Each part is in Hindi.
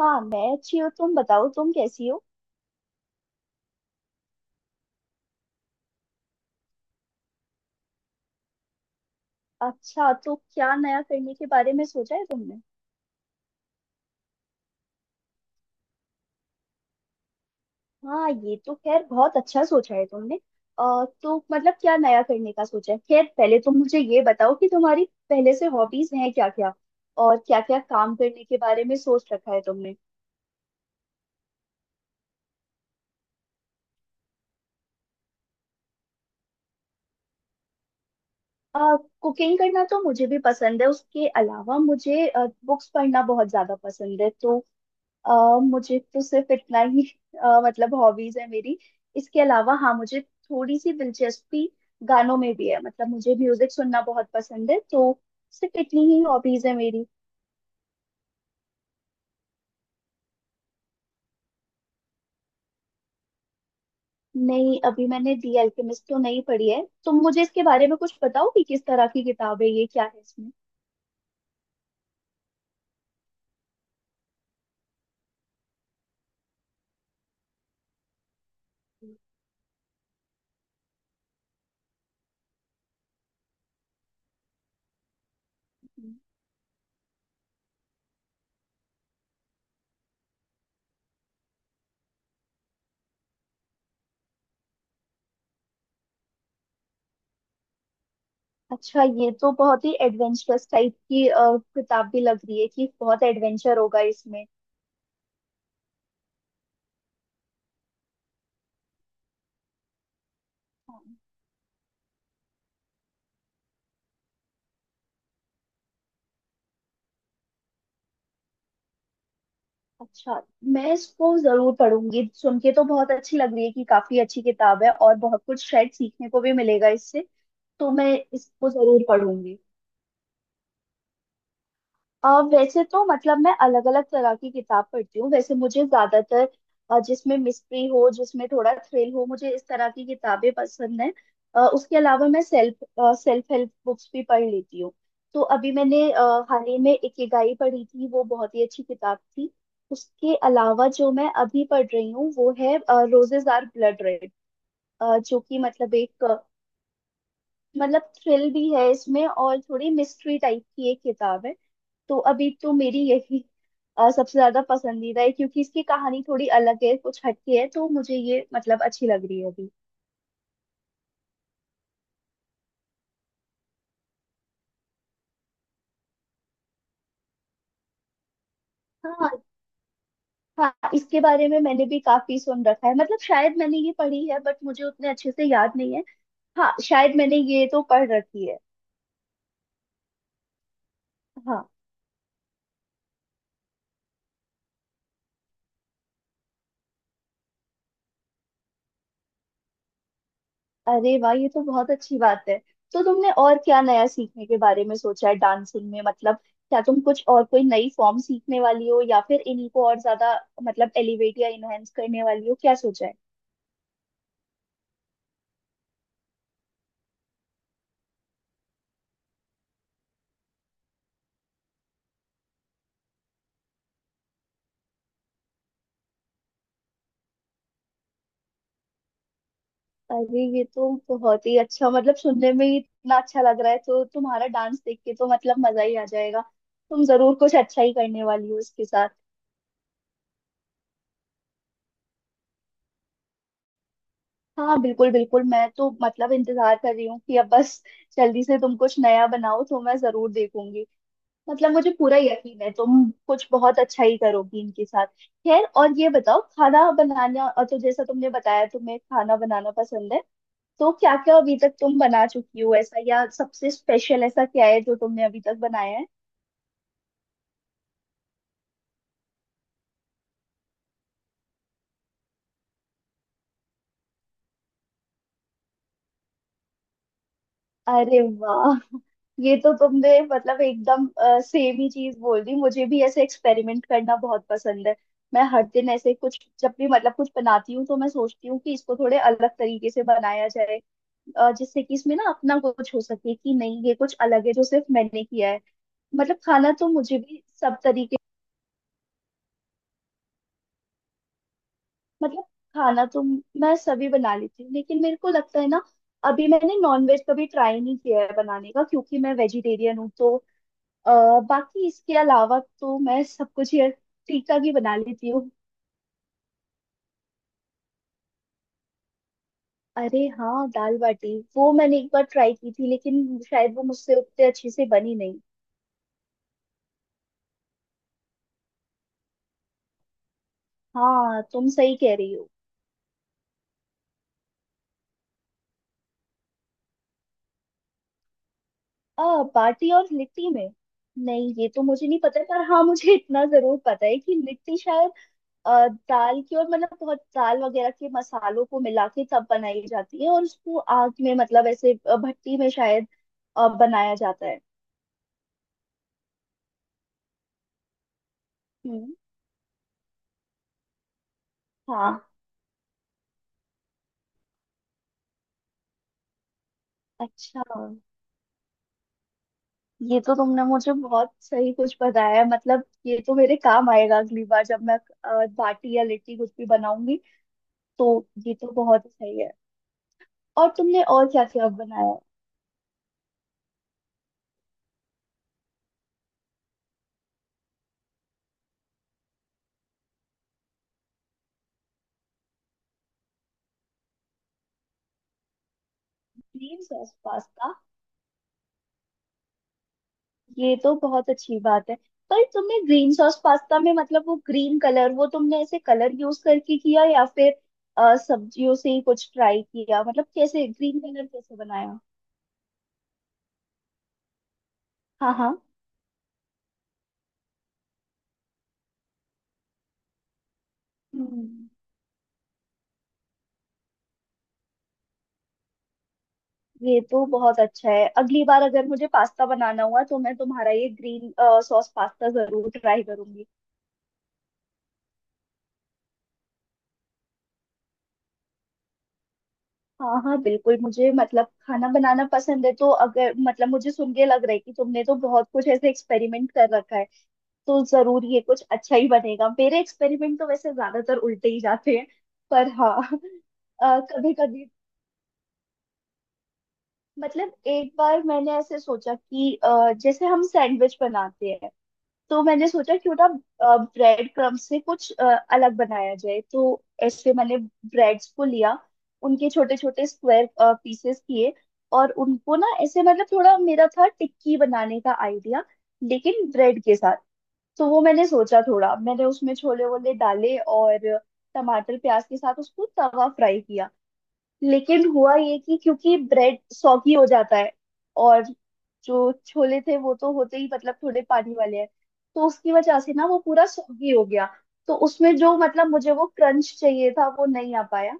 हाँ मैं अच्छी हूँ। तुम बताओ तुम कैसी हो। अच्छा, तो क्या नया करने के बारे में सोचा है तुमने। हाँ ये तो खैर बहुत अच्छा सोचा है तुमने। तो मतलब क्या नया करने का सोचा है। खैर पहले तुम मुझे ये बताओ कि तुम्हारी पहले से हॉबीज हैं क्या क्या और क्या क्या काम करने के बारे में सोच रखा है तुमने। आ, कुकिंग करना तो मुझे भी पसंद है। उसके अलावा मुझे बुक्स पढ़ना बहुत ज्यादा पसंद है। तो अ, मुझे तो सिर्फ इतना ही मतलब हॉबीज है मेरी। इसके अलावा हाँ मुझे थोड़ी सी दिलचस्पी गानों में भी है। मतलब मुझे म्यूजिक सुनना बहुत पसंद है। तो सिर्फ इतनी ही हॉबीज है मेरी। नहीं, अभी मैंने दी अल्केमिस्ट तो नहीं पढ़ी है। तुम मुझे इसके बारे में कुछ बताओ कि किस तरह की किताब है ये, क्या है इसमें। अच्छा, ये तो बहुत ही एडवेंचरस टाइप की किताब भी लग रही है कि बहुत एडवेंचर होगा इसमें। अच्छा, मैं इसको जरूर पढ़ूंगी। सुन के तो बहुत अच्छी लग रही है कि काफी अच्छी किताब है और बहुत कुछ शायद सीखने को भी मिलेगा इससे। तो मैं इसको जरूर पढ़ूंगी। वैसे तो मतलब मैं अलग अलग तरह की किताब पढ़ती हूँ। वैसे मुझे ज्यादातर जिसमें मिस्ट्री हो, जिसमें थोड़ा थ्रिल हो, मुझे इस तरह की किताबें पसंद है। उसके अलावा मैं सेल्फ सेल्फ हेल्प बुक्स भी पढ़ लेती हूँ। तो अभी मैंने हाल ही में इकिगाई पढ़ी थी। वो बहुत ही अच्छी किताब थी। उसके अलावा जो मैं अभी पढ़ रही हूँ वो है रोजेज आर ब्लड रेड। जो कि मतलब एक मतलब थ्रिल भी है इसमें और थोड़ी मिस्ट्री टाइप की एक किताब है। तो अभी तो मेरी यही सबसे ज्यादा पसंदीदा है क्योंकि इसकी कहानी थोड़ी अलग है, कुछ हटके है। तो मुझे ये मतलब अच्छी लग रही है अभी। हाँ, हाँ इसके बारे में मैंने भी काफी सुन रखा है। मतलब शायद मैंने ये पढ़ी है बट मुझे उतने अच्छे से याद नहीं है। हाँ शायद मैंने ये तो पढ़ रखी है। हाँ। अरे वाह, ये तो बहुत अच्छी बात है। तो तुमने और क्या नया सीखने के बारे में सोचा है डांसिंग में। मतलब क्या तुम कुछ और कोई नई फॉर्म सीखने वाली हो या फिर इन्हीं को और ज्यादा मतलब एलिवेट या इनहेंस करने वाली हो, क्या सोचा है। अरे, ये तो बहुत ही अच्छा, मतलब सुनने में ही इतना अच्छा लग रहा है। तो तुम्हारा डांस देख के तो मतलब मजा ही आ जाएगा। तुम जरूर कुछ अच्छा ही करने वाली हो इसके साथ। हाँ बिल्कुल, बिल्कुल, मैं तो मतलब इंतजार कर रही हूँ कि अब बस जल्दी से तुम कुछ नया बनाओ। तो मैं जरूर देखूंगी। मतलब मुझे पूरा यकीन है तुम कुछ बहुत अच्छा ही करोगी इनके साथ। खैर और ये बताओ, खाना बनाना, और तो जैसा तुमने बताया तुम्हें खाना बनाना पसंद है। तो क्या क्या अभी तक तुम बना चुकी हो ऐसा, या सबसे स्पेशल ऐसा क्या है जो तुमने अभी तक बनाया है। अरे वाह, ये तो तुमने मतलब एकदम सेम ही चीज बोल दी। मुझे भी ऐसे एक्सपेरिमेंट करना बहुत पसंद है। मैं हर दिन ऐसे कुछ, जब भी मतलब कुछ बनाती हूँ तो मैं सोचती हूँ कि इसको थोड़े अलग तरीके से बनाया जाए, जिससे कि इसमें ना अपना कुछ हो सके कि नहीं ये कुछ अलग है जो सिर्फ मैंने किया है। मतलब खाना तो मुझे भी सब तरीके, मतलब खाना तो मैं सभी बना लेती हूँ। लेकिन मेरे को लगता है ना, अभी मैंने नॉनवेज कभी ट्राई नहीं किया है बनाने का क्योंकि मैं वेजिटेरियन हूँ। तो अ, बाकी इसके अलावा तो मैं सब कुछ ये फीका की बना लेती हूँ। अरे हाँ, दाल बाटी वो मैंने एक बार ट्राई की थी लेकिन शायद वो मुझसे उतने अच्छे से बनी नहीं। हाँ तुम सही कह रही हो। बाटी और लिट्टी में नहीं, ये तो मुझे नहीं पता। पर हाँ मुझे इतना जरूर पता है कि लिट्टी शायद दाल की और मतलब बहुत दाल वगैरह के मसालों को मिला के तब बनाई जाती है और उसको आग में मतलब ऐसे भट्टी में शायद बनाया जाता है। हम्म। हाँ। अच्छा, ये तो तुमने मुझे बहुत सही कुछ बताया है। मतलब ये तो मेरे काम आएगा अगली बार जब मैं बाटी या लिट्टी कुछ भी बनाऊंगी। तो ये तो बहुत सही है। और तुमने और क्या क्या बनाया। क्रीम सॉस पास्ता, ये तो बहुत अच्छी बात है। पर तुमने ग्रीन सॉस पास्ता में मतलब वो ग्रीन कलर वो तुमने ऐसे कलर यूज करके किया या फिर सब्जियों से ही कुछ ट्राई किया। मतलब कैसे ग्रीन कलर कैसे बनाया। हाँ हाँ। हम्म, ये तो बहुत अच्छा है। अगली बार अगर मुझे पास्ता बनाना हुआ तो मैं तुम्हारा ये ग्रीन सॉस पास्ता जरूर ट्राई करूंगी। हाँ हाँ बिल्कुल, मुझे मतलब खाना बनाना पसंद है। तो अगर मतलब मुझे सुन के लग रहा है कि तुमने तो बहुत कुछ ऐसे एक्सपेरिमेंट कर रखा है तो जरूर ये कुछ अच्छा ही बनेगा। मेरे एक्सपेरिमेंट तो वैसे ज्यादातर उल्टे ही जाते हैं। पर हाँ कभी कभी, मतलब एक बार मैंने ऐसे सोचा कि जैसे हम सैंडविच बनाते हैं। तो मैंने सोचा क्यों ना ब्रेड क्रम्ब से कुछ अलग बनाया जाए। तो ऐसे मैंने ब्रेड्स को लिया, उनके छोटे छोटे स्क्वायर पीसेस किए और उनको ना ऐसे मतलब थोड़ा मेरा था टिक्की बनाने का आइडिया लेकिन ब्रेड के साथ। तो वो मैंने सोचा, थोड़ा मैंने उसमें छोले वोले डाले और टमाटर प्याज के साथ उसको तवा फ्राई किया। लेकिन हुआ ये कि क्योंकि ब्रेड सॉगी हो जाता है, और जो छोले थे वो तो होते ही मतलब थोड़े पानी वाले हैं, तो उसकी वजह से ना वो पूरा सॉगी हो गया। तो उसमें जो मतलब मुझे वो क्रंच चाहिए था वो नहीं आ पाया।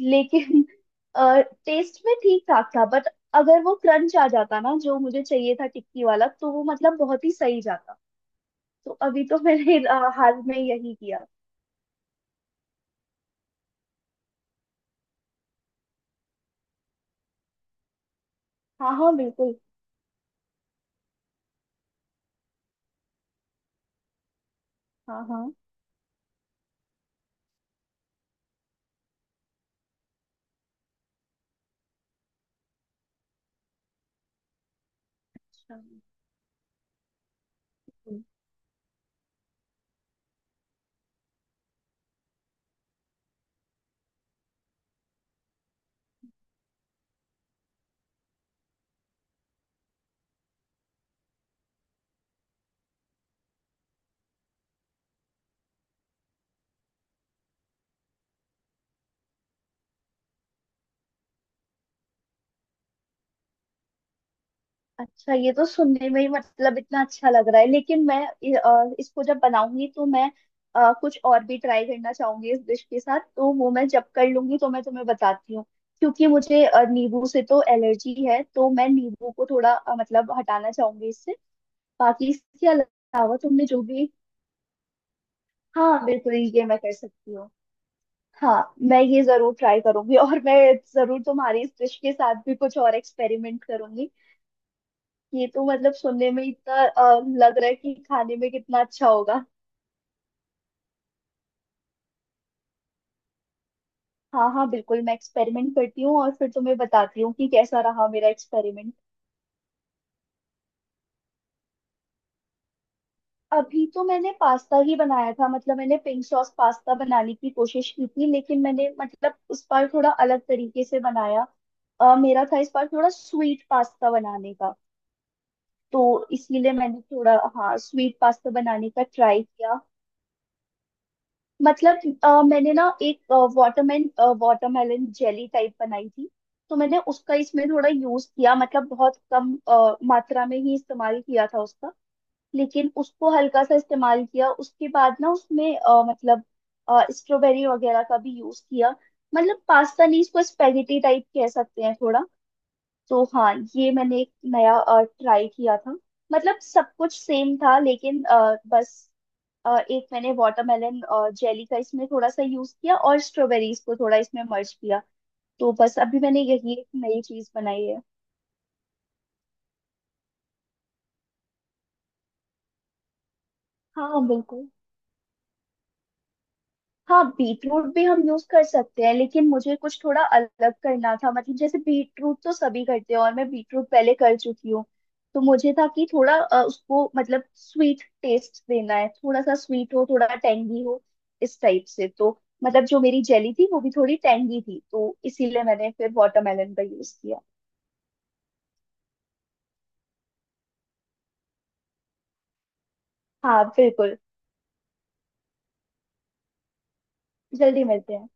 लेकिन टेस्ट में ठीक ठाक था, बट अगर वो क्रंच आ जाता ना जो मुझे चाहिए था टिक्की वाला तो वो मतलब बहुत ही सही जाता। तो अभी तो मैंने हाल में यही किया। हाँ हाँ बिल्कुल। हाँ हाँ। अच्छा। हम्म, अच्छा, ये तो सुनने में ही मतलब इतना अच्छा लग रहा है। लेकिन मैं इसको जब बनाऊंगी तो मैं कुछ और भी ट्राई करना चाहूंगी इस डिश के साथ। तो वो मैं जब कर लूंगी तो मैं तुम्हें बताती हूँ। क्योंकि मुझे नींबू से तो एलर्जी है। तो मैं नींबू को थोड़ा मतलब हटाना चाहूंगी इससे। बाकी इसके अलावा तुमने जो भी, हाँ बिल्कुल ये मैं कर सकती हूँ। हाँ, मैं ये जरूर ट्राई करूंगी। और मैं जरूर तुम्हारी इस डिश के साथ भी कुछ और एक्सपेरिमेंट करूंगी। ये तो मतलब सुनने में इतना लग रहा है कि खाने में कितना अच्छा होगा। हाँ हाँ बिल्कुल, मैं एक्सपेरिमेंट करती हूँ और फिर तुम्हें बताती हूँ कि कैसा रहा मेरा एक्सपेरिमेंट। अभी तो मैंने पास्ता ही बनाया था। मतलब मैंने पिंक सॉस पास्ता बनाने की कोशिश की थी लेकिन मैंने मतलब उस बार थोड़ा अलग तरीके से बनाया। मेरा था इस बार थोड़ा स्वीट पास्ता बनाने का। तो इसीलिए मैंने थोड़ा, हाँ, स्वीट पास्ता बनाने का ट्राई किया। मतलब मैंने ना एक वाटरमेलन वाटरमेलन जेली टाइप बनाई थी। तो मैंने उसका इसमें थोड़ा यूज किया, मतलब बहुत कम मात्रा में ही इस्तेमाल किया था उसका। लेकिन उसको हल्का सा इस्तेमाल किया। उसके बाद ना उसमें मतलब स्ट्रॉबेरी वगैरह का भी यूज किया। मतलब पास्ता नहीं, इसको स्पेगेटी टाइप कह सकते हैं थोड़ा। तो हाँ ये मैंने एक नया ट्राई किया था। मतलब सब कुछ सेम था लेकिन बस एक मैंने वाटरमेलन जेली का इसमें थोड़ा सा यूज किया और स्ट्रॉबेरीज को थोड़ा इसमें मर्ज किया। तो बस अभी मैंने यही एक नई चीज बनाई है। हाँ बिल्कुल। हाँ, बीटरूट भी हम यूज कर सकते हैं लेकिन मुझे कुछ थोड़ा अलग करना था। मतलब जैसे बीटरूट तो सभी करते हैं और मैं बीटरूट पहले कर चुकी हूँ। तो मुझे था कि थोड़ा उसको मतलब स्वीट टेस्ट देना है, थोड़ा सा स्वीट हो, थोड़ा टेंगी हो इस टाइप से। तो मतलब जो मेरी जेली थी वो भी थोड़ी टेंगी थी तो इसीलिए मैंने फिर वाटरमेलन का यूज किया। हाँ बिल्कुल। जल्दी मिलते हैं।